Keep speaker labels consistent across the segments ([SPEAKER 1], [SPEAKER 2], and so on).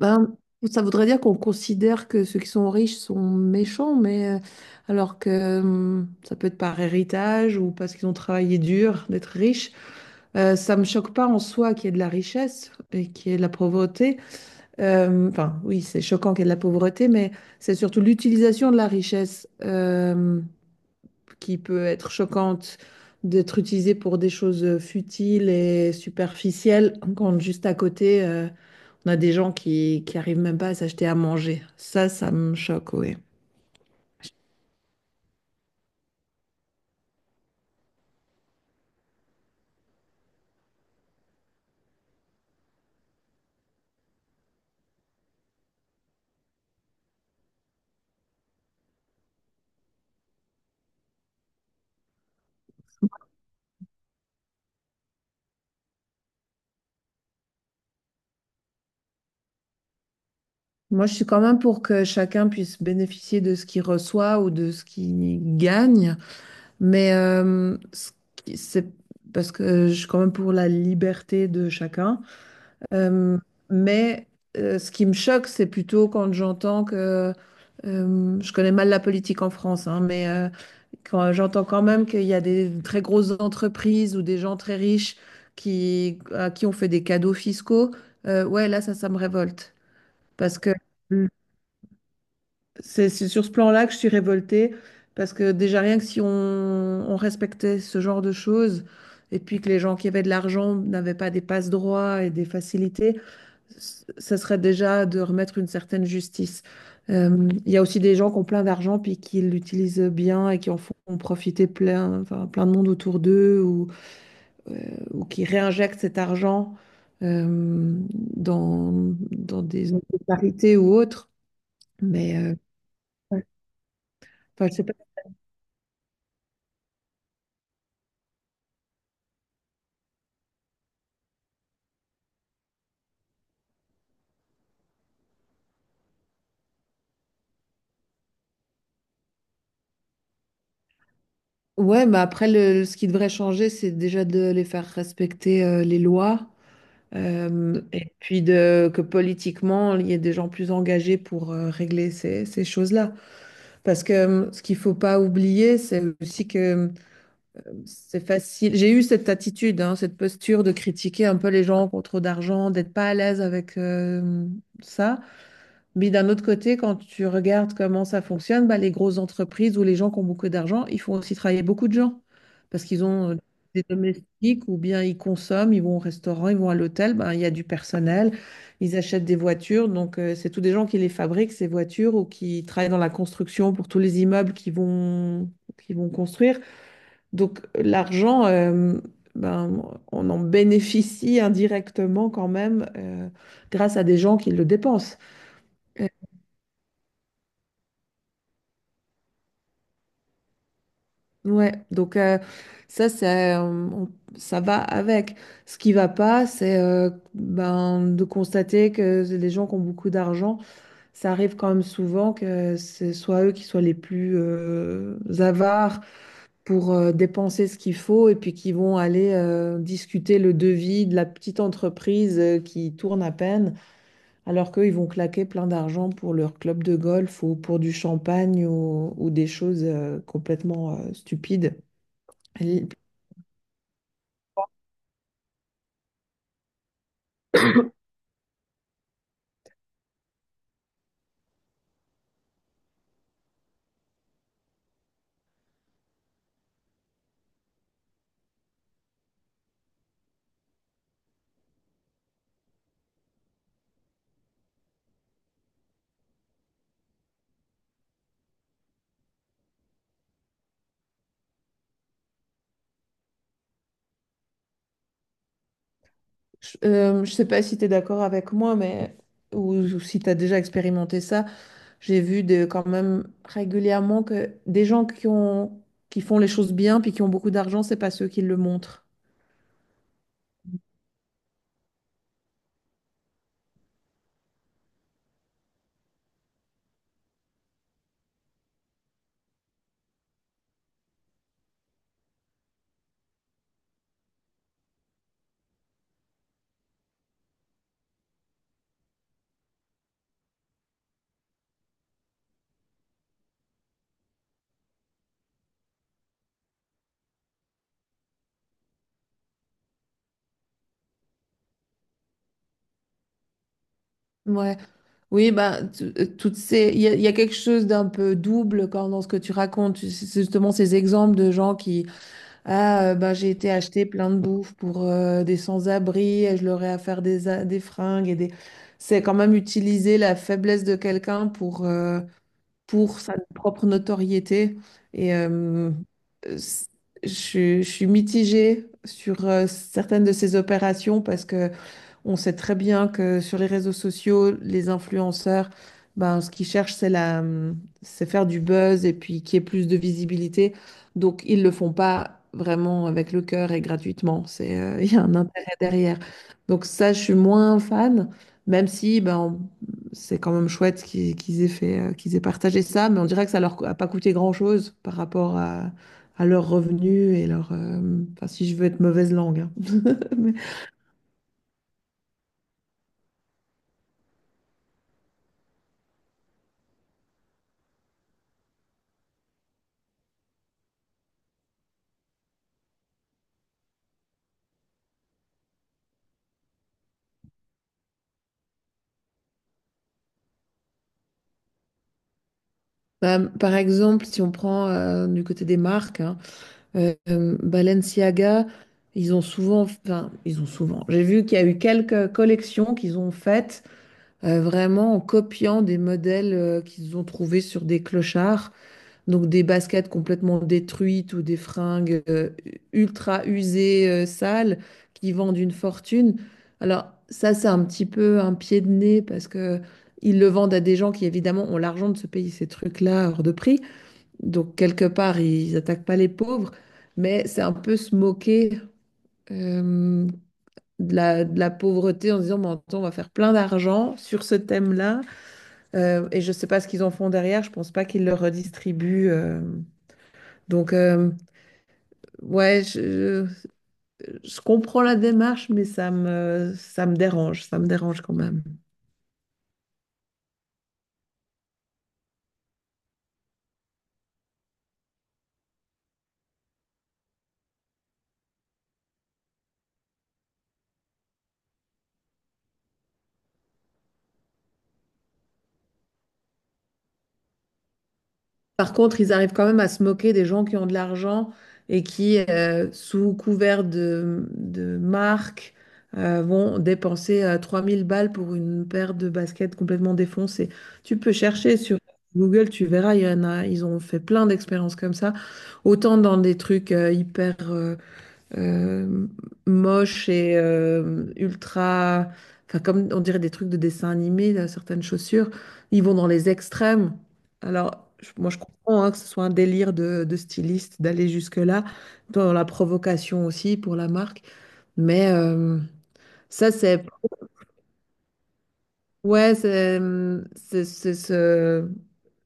[SPEAKER 1] Ben, ça voudrait dire qu'on considère que ceux qui sont riches sont méchants, mais alors que ça peut être par héritage ou parce qu'ils ont travaillé dur d'être riches. Ça me choque pas en soi qu'il y ait de la richesse et qu'il y ait de la pauvreté. Enfin, oui, c'est choquant qu'il y ait de la pauvreté, mais c'est surtout l'utilisation de la richesse qui peut être choquante, d'être utilisée pour des choses futiles et superficielles, quand juste à côté. On a des gens qui arrivent même pas à s'acheter à manger. Ça me choque, oui. Moi, je suis quand même pour que chacun puisse bénéficier de ce qu'il reçoit ou de ce qu'il gagne. Mais c'est parce que je suis quand même pour la liberté de chacun. Euh, mais ce qui me choque, c'est plutôt quand j'entends je connais mal la politique en France, hein, mais quand j'entends quand même qu'il y a des très grosses entreprises ou des gens très riches à qui on fait des cadeaux fiscaux, ouais, là, ça me révolte. Parce que c'est sur ce plan-là que je suis révoltée, parce que déjà rien que si on respectait ce genre de choses, et puis que les gens qui avaient de l'argent n'avaient pas des passe-droits et des facilités, ça serait déjà de remettre une certaine justice. Il y a aussi des gens qui ont plein d'argent, puis qui l'utilisent bien et qui en font profiter plein, enfin, plein de monde autour d'eux, euh, ou qui réinjectent cet argent euh, dans des solidarités ou autres. Mais enfin, je sais pas. Ouais, mais après, ce qui devrait changer, c'est déjà de les faire respecter les lois, et puis que politiquement, il y ait des gens plus engagés pour régler ces choses-là. Parce que ce qu'il faut pas oublier, c'est aussi que c'est facile. J'ai eu cette attitude, hein, cette posture de critiquer un peu les gens qui ont trop d'argent, d'être pas à l'aise avec ça. Mais d'un autre côté, quand tu regardes comment ça fonctionne, bah, les grosses entreprises ou les gens qui ont beaucoup d'argent, ils font aussi travailler beaucoup de gens parce qu'ils ont des domestiques ou bien ils consomment, ils vont au restaurant, ils vont à l'hôtel, bah, il y a du personnel, ils achètent des voitures. Donc, c'est tous des gens qui les fabriquent, ces voitures, ou qui travaillent dans la construction pour tous les immeubles qu'ils vont construire. Donc, l'argent, ben, on en bénéficie indirectement quand même grâce à des gens qui le dépensent. Ouais, donc ça, ça va avec. Ce qui va pas, c'est de constater que les gens qui ont beaucoup d'argent, ça arrive quand même souvent que ce soit eux qui soient les plus avares pour dépenser ce qu'il faut et puis qui vont aller discuter le devis de la petite entreprise qui tourne à peine, alors qu'eux, ils vont claquer plein d'argent pour leur club de golf ou pour du champagne ou des choses complètement stupides. Je sais pas si tu es d'accord avec moi, mais ou si tu as déjà expérimenté ça, j'ai vu de, quand même régulièrement que des gens qui ont, qui font les choses bien puis qui ont beaucoup d'argent, c'est pas ceux qui le montrent. Ouais, oui, bah, toutes ces, il y a quelque chose d'un peu double quand dans ce que tu racontes, c'est justement ces exemples de gens qui, ah, ben, j'ai été acheter plein de bouffe pour des sans-abri et je leur ai à faire des fringues et des... C'est quand même utiliser la faiblesse de quelqu'un pour sa propre notoriété. Et euh, c- je suis mitigée sur certaines de ces opérations parce que on sait très bien que sur les réseaux sociaux, les influenceurs, ben, ce qu'ils cherchent, c'est faire du buzz et puis qu'il y ait plus de visibilité. Donc, ils le font pas vraiment avec le cœur et gratuitement. C'est, il y a un intérêt derrière. Donc, ça, je suis moins fan, même si ben, c'est quand même chouette qu'ils aient fait, qu'ils aient partagé ça. Mais on dirait que ça leur a pas coûté grand-chose par rapport à leurs revenus et leur. Enfin, si je veux être mauvaise langue, hein. Bah, par exemple, si on prend du côté des marques, hein, Balenciaga, ils ont souvent, enfin, ils ont souvent. J'ai vu qu'il y a eu quelques collections qu'ils ont faites vraiment en copiant des modèles qu'ils ont trouvés sur des clochards, donc des baskets complètement détruites ou des fringues ultra usées, sales, qui vendent une fortune. Alors ça, c'est un petit peu un pied de nez parce que ils le vendent à des gens qui évidemment ont l'argent de se payer ces trucs-là hors de prix. Donc, quelque part, ils attaquent pas les pauvres, mais c'est un peu se moquer euh, de de la pauvreté en disant, mais attends, on va faire plein d'argent sur ce thème-là. Et je ne sais pas ce qu'ils en font derrière, je ne pense pas qu'ils le redistribuent. Donc, ouais, je comprends la démarche, mais ça me dérange quand même. Par contre, ils arrivent quand même à se moquer des gens qui ont de l'argent et qui sous couvert de marque, vont dépenser 3000 balles pour une paire de baskets complètement défoncées. Tu peux chercher sur Google, tu verras, il y en a, ils ont fait plein d'expériences comme ça, autant dans des trucs euh, hyper, euh, moches et ultra, enfin comme on dirait des trucs de dessin animé, là, certaines chaussures, ils vont dans les extrêmes. Alors, moi je comprends hein, que ce soit un délire de styliste d'aller jusque-là, dans la provocation aussi pour la marque, mais ça c'est, ouais, c'est- c'est- c'est-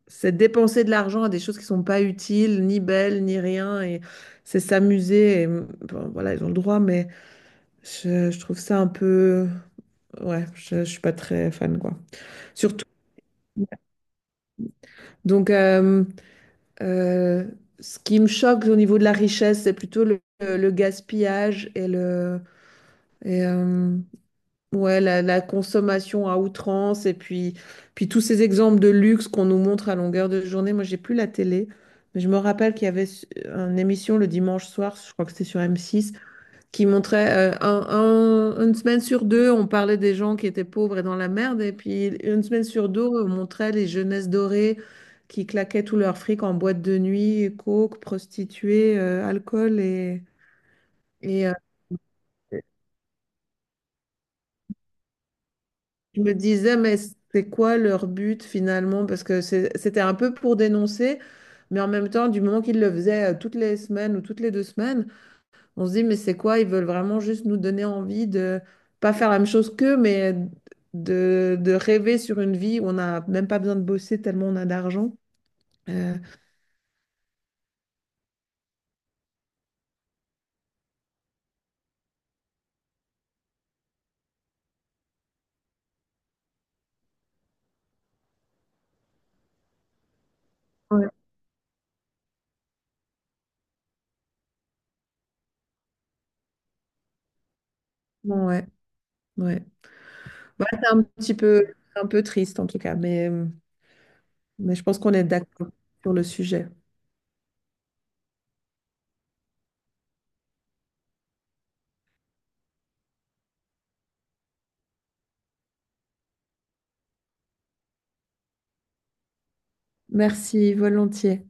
[SPEAKER 1] c'est dépenser de l'argent à des choses qui sont pas utiles, ni belles, ni rien, et c'est s'amuser, et, bon, voilà, ils ont le droit, mais... je trouve ça un peu... Ouais, je suis pas très fan, quoi. Surtout. Donc, euh, ce qui me choque au niveau de la richesse, c'est plutôt le gaspillage et le... Et ouais, la consommation à outrance. Et puis, puis tous ces exemples de luxe qu'on nous montre à longueur de journée. Moi, j'ai plus la télé. Mais je me rappelle qu'il y avait une émission le dimanche soir, je crois que c'était sur M6, qui montrait une semaine sur deux, on parlait des gens qui étaient pauvres et dans la merde, et puis une semaine sur deux, on montrait les jeunesses dorées qui claquaient tout leur fric en boîte de nuit, coke, prostituées, alcool. Et je me disais, mais c'est quoi leur but finalement? Parce que c'était un peu pour dénoncer, mais en même temps, du moment qu'ils le faisaient toutes les semaines ou toutes les deux semaines, on se dit, mais c'est quoi? Ils veulent vraiment juste nous donner envie de pas faire la même chose qu'eux, mais de rêver sur une vie où on n'a même pas besoin de bosser tellement on a d'argent. Euh, ouais, ouais, ouais. Ouais, c'est un petit peu, un peu triste en tout cas, mais je pense qu'on est d'accord sur le sujet. Merci, volontiers.